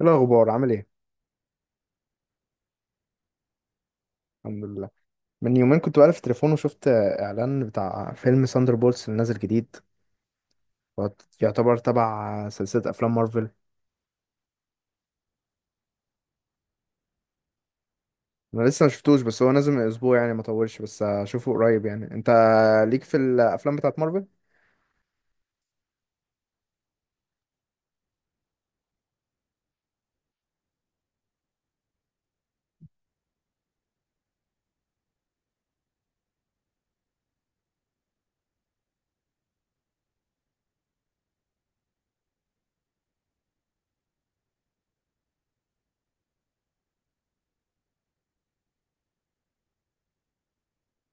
إيه الأخبار عامل إيه؟ الحمد لله. من يومين كنت بقلب في التليفون وشفت إعلان بتاع فيلم ساندر بولتس اللي نازل جديد. هو يعتبر تبع سلسلة أفلام مارفل. أنا لسه مشفتوش، بس هو نازل من أسبوع يعني، ما طولش، بس هشوفه قريب يعني. أنت ليك في الأفلام بتاعت مارفل؟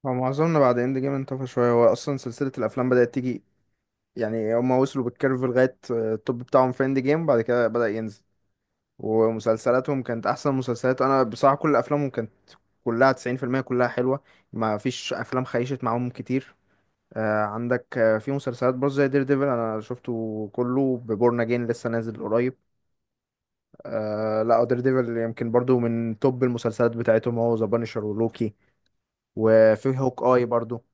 هو معظمنا بعد إند جيم انطفى شوية. هو أصلا سلسلة الأفلام بدأت تيجي، يعني هما وصلوا بالكيرف لغاية التوب بتاعهم في إند جيم، بعد كده بدأ ينزل. ومسلسلاتهم كانت أحسن مسلسلات. أنا بصراحة كل أفلامهم كانت كلها 90% كلها حلوة. ما فيش أفلام خيشت معاهم كتير. عندك في مسلسلات برضه زي دير ديفل. أنا شفته كله، ببورن أجين لسه نازل قريب. لا، دير ديفل يمكن برضه من توب المسلسلات بتاعتهم، هو ذا بانشر ولوكي. وفي هوك آي برضه.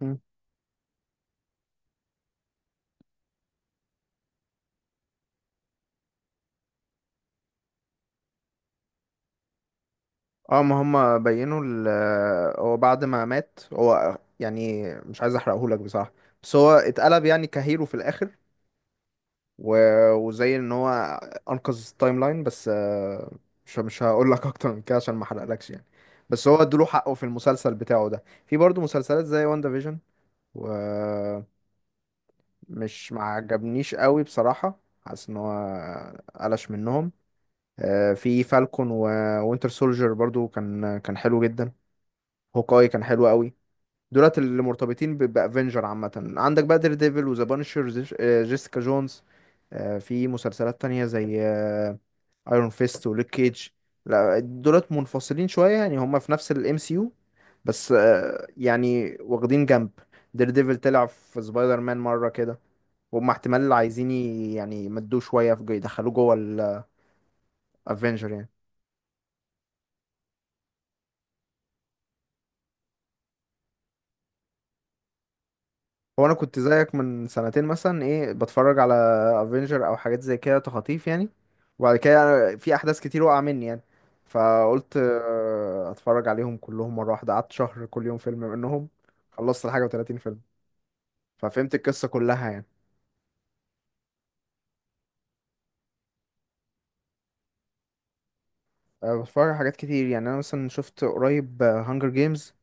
مم. اه، ما هم بينوا هو بعد ما مات، هو يعني مش عايز احرقهولك بصراحة، بس هو اتقلب يعني كهيرو في الآخر. و- وزي ان هو انقذ التايم لاين. بس مش هقول لك اكتر من كده عشان ما احرقلكش يعني. بس هو ادوله حقه في المسلسل بتاعه ده. في برضه مسلسلات زي واندا فيجن ومش ما عجبنيش قوي بصراحة. حاسس ان هو قلش منهم. في فالكون ووينتر سولجر برضو كان حلو جدا. هوكاي كان حلو قوي. دولت اللي مرتبطين بافنجر عامة. عندك بقى دير ديفل وذا بانشر، جيسيكا جونز. في مسلسلات تانية زي ايرون فيست وليك كيج. لا دولت منفصلين شويه يعني، هما في نفس الام سي يو، بس يعني واخدين جنب. دير ديفل طلع في سبايدر مان مره كده، وهم احتمال عايزين يعني يمدوه شويه في يدخلوه جوه الافنجر يعني. هو انا كنت زيك من سنتين مثلا، ايه، بتفرج على افنجر او حاجات زي كده تخاطيف يعني. وبعد كده في احداث كتير وقع مني يعني، فقلت اتفرج عليهم كلهم مره واحده. قعدت شهر كل يوم فيلم منهم، خلصت الحاجه و30 فيلم. ففهمت القصة كلها يعني. بتفرج على حاجات كتير يعني. أنا مثلا شفت قريب هانجر جيمز،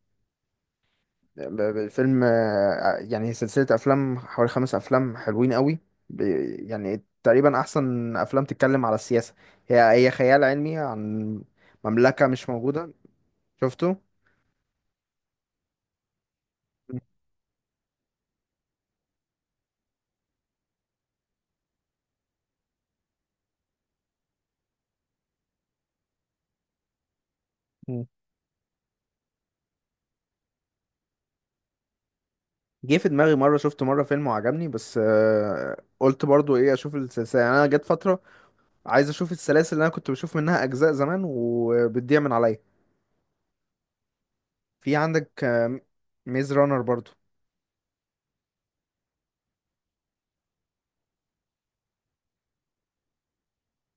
فيلم يعني سلسلة أفلام حوالي 5 أفلام حلوين قوي. ب- يعني تقريبا أحسن أفلام تتكلم على السياسة. هي هي خيال علمي عن مملكة مش موجودة. شفته؟ مم. جه في دماغي مرة، شفت مرة فيلم وعجبني، بس قلت برضو ايه اشوف السلسلة يعني. انا جت فترة عايز اشوف السلاسل اللي انا كنت بشوف منها اجزاء زمان وبتضيع من عليا. في عندك ميز رانر برضو.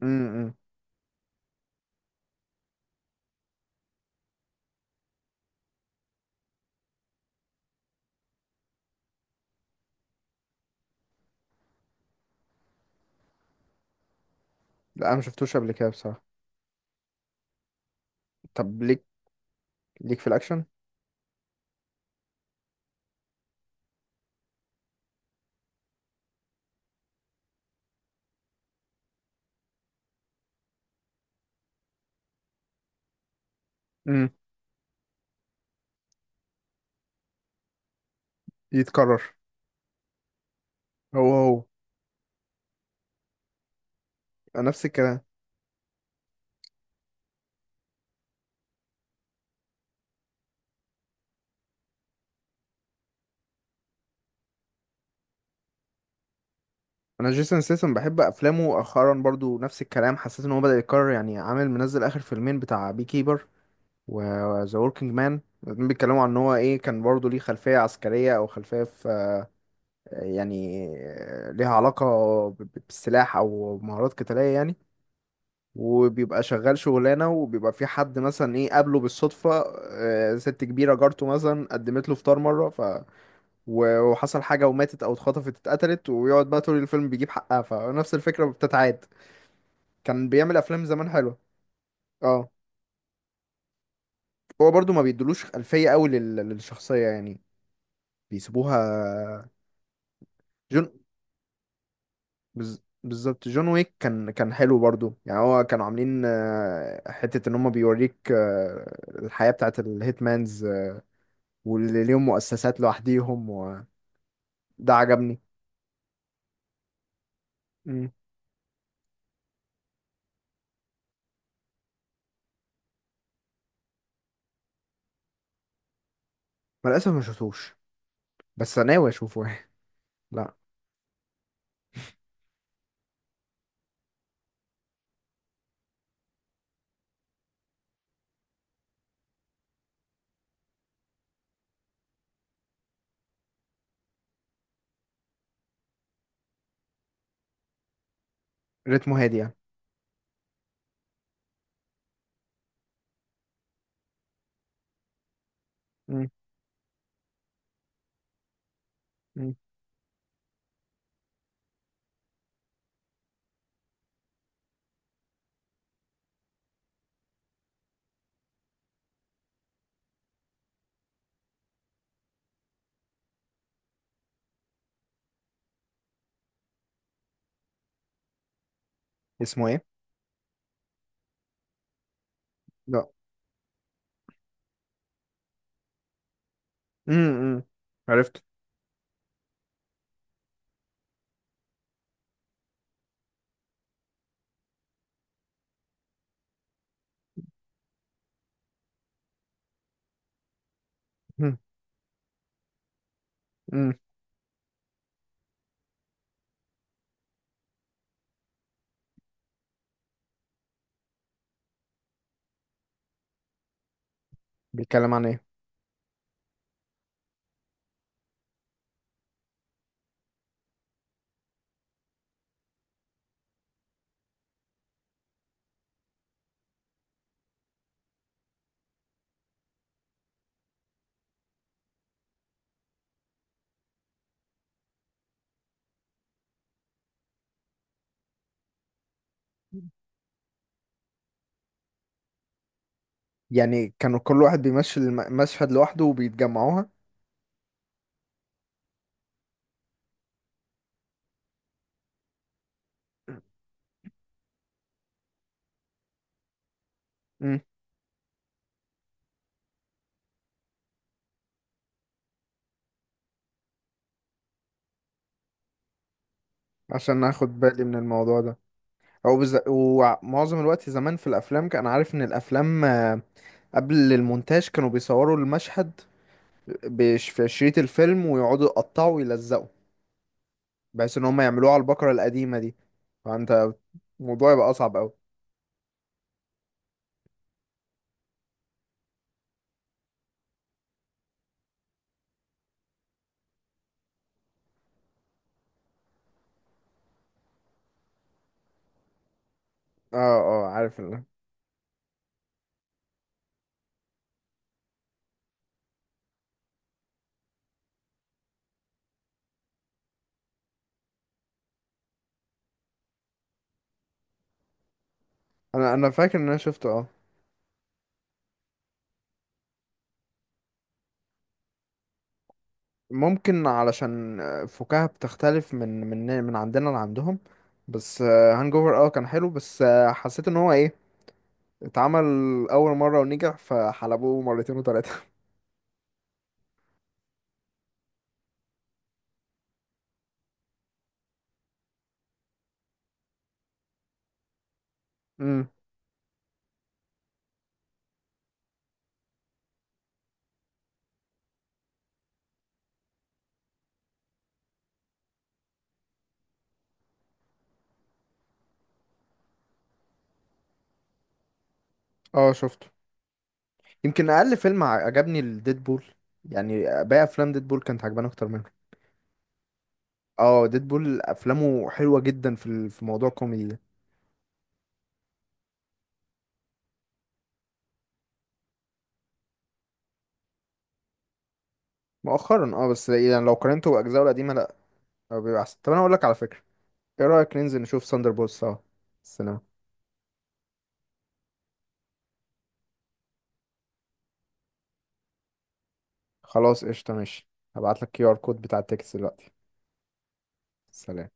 امم. لا، انا ما شفتوش قبل كده بصراحه. طب ليك في الاكشن؟ امم. يتكرر. هو هو نفس الكلام. انا جيسون سيسن بحب افلامه. مؤخرا برضو نفس الكلام، حسيت ان هو بدأ يتكرر يعني. عامل منزل اخر فيلمين بتاع بي كيبر وذا وركينج مان. الاتنين بيتكلموا عن ان هو ايه، كان برضو ليه خلفيه عسكريه او خلفيه في، يعني ليها علاقه بالسلاح او مهارات قتاليه يعني. وبيبقى شغال شغلانة، وبيبقى في حد مثلا ايه قابله بالصدفة. ست كبيرة جارته مثلا قدمت له فطار مرة، وحصل حاجة وماتت، أو اتخطفت، اتقتلت، ويقعد بقى طول الفيلم بيجيب حقها. فنفس الفكرة بتتعاد. كان بيعمل أفلام زمان حلوة. اه، هو برضو ما بيدلوش خلفية قوي للشخصية يعني، بيسيبوها. جون بالظبط جون ويك كان حلو برضو يعني. هو كانوا عاملين حتة ان هم بيوريك الحياة بتاعت الهيتمانز واللي ليهم مؤسسات لوحديهم، وده عجبني. امم. للأسف ما شفتوش، بس أنا ناوي أشوفه يعني. لا. رتمه هادي يعني. امم. امم. اسمه إيه؟ لا. امم. عرفت. امم. بيتكلم عن إيه؟ يعني كانوا كل واحد بيمثل مشهد لوحده وبيتجمعوها. امم. عشان اخد بالي من الموضوع ده. ومعظم الوقت زمان في الافلام كان عارف ان الافلام قبل المونتاج كانوا بيصوروا المشهد في شريط الفيلم، ويقعدوا يقطعوا ويلزقوا، بحيث ان هم يعملوها على البقرة القديمة دي. فانت الموضوع يبقى اصعب اوي. اه اه، عارف انا فاكر ان انا شفته اه. ممكن علشان فكاهة بتختلف من عندنا لعندهم. بس هانج اوفر، Hangover، كان حلو، بس حسيت ان هو ايه، اتعمل اول مرة ونجح فحلبوه مرتين وتلاتة. امم. اه، شفته. يمكن اقل فيلم عجبني الديدبول. يعني باقي افلام ديدبول كانت عجباني اكتر منه. اه، ديدبول افلامه حلوة جدا في في موضوع كوميدي ده. مؤخرا، بس يعني لو قارنته باجزائه القديمه، لا، هو بيبقى احسن. طب انا اقول لك على فكره، ايه رايك ننزل نشوف ساندر بولز سوا السينما؟ خلاص، قشطه، ماشي. هبعت لك QR كود بتاع التيكت دلوقتي. سلام.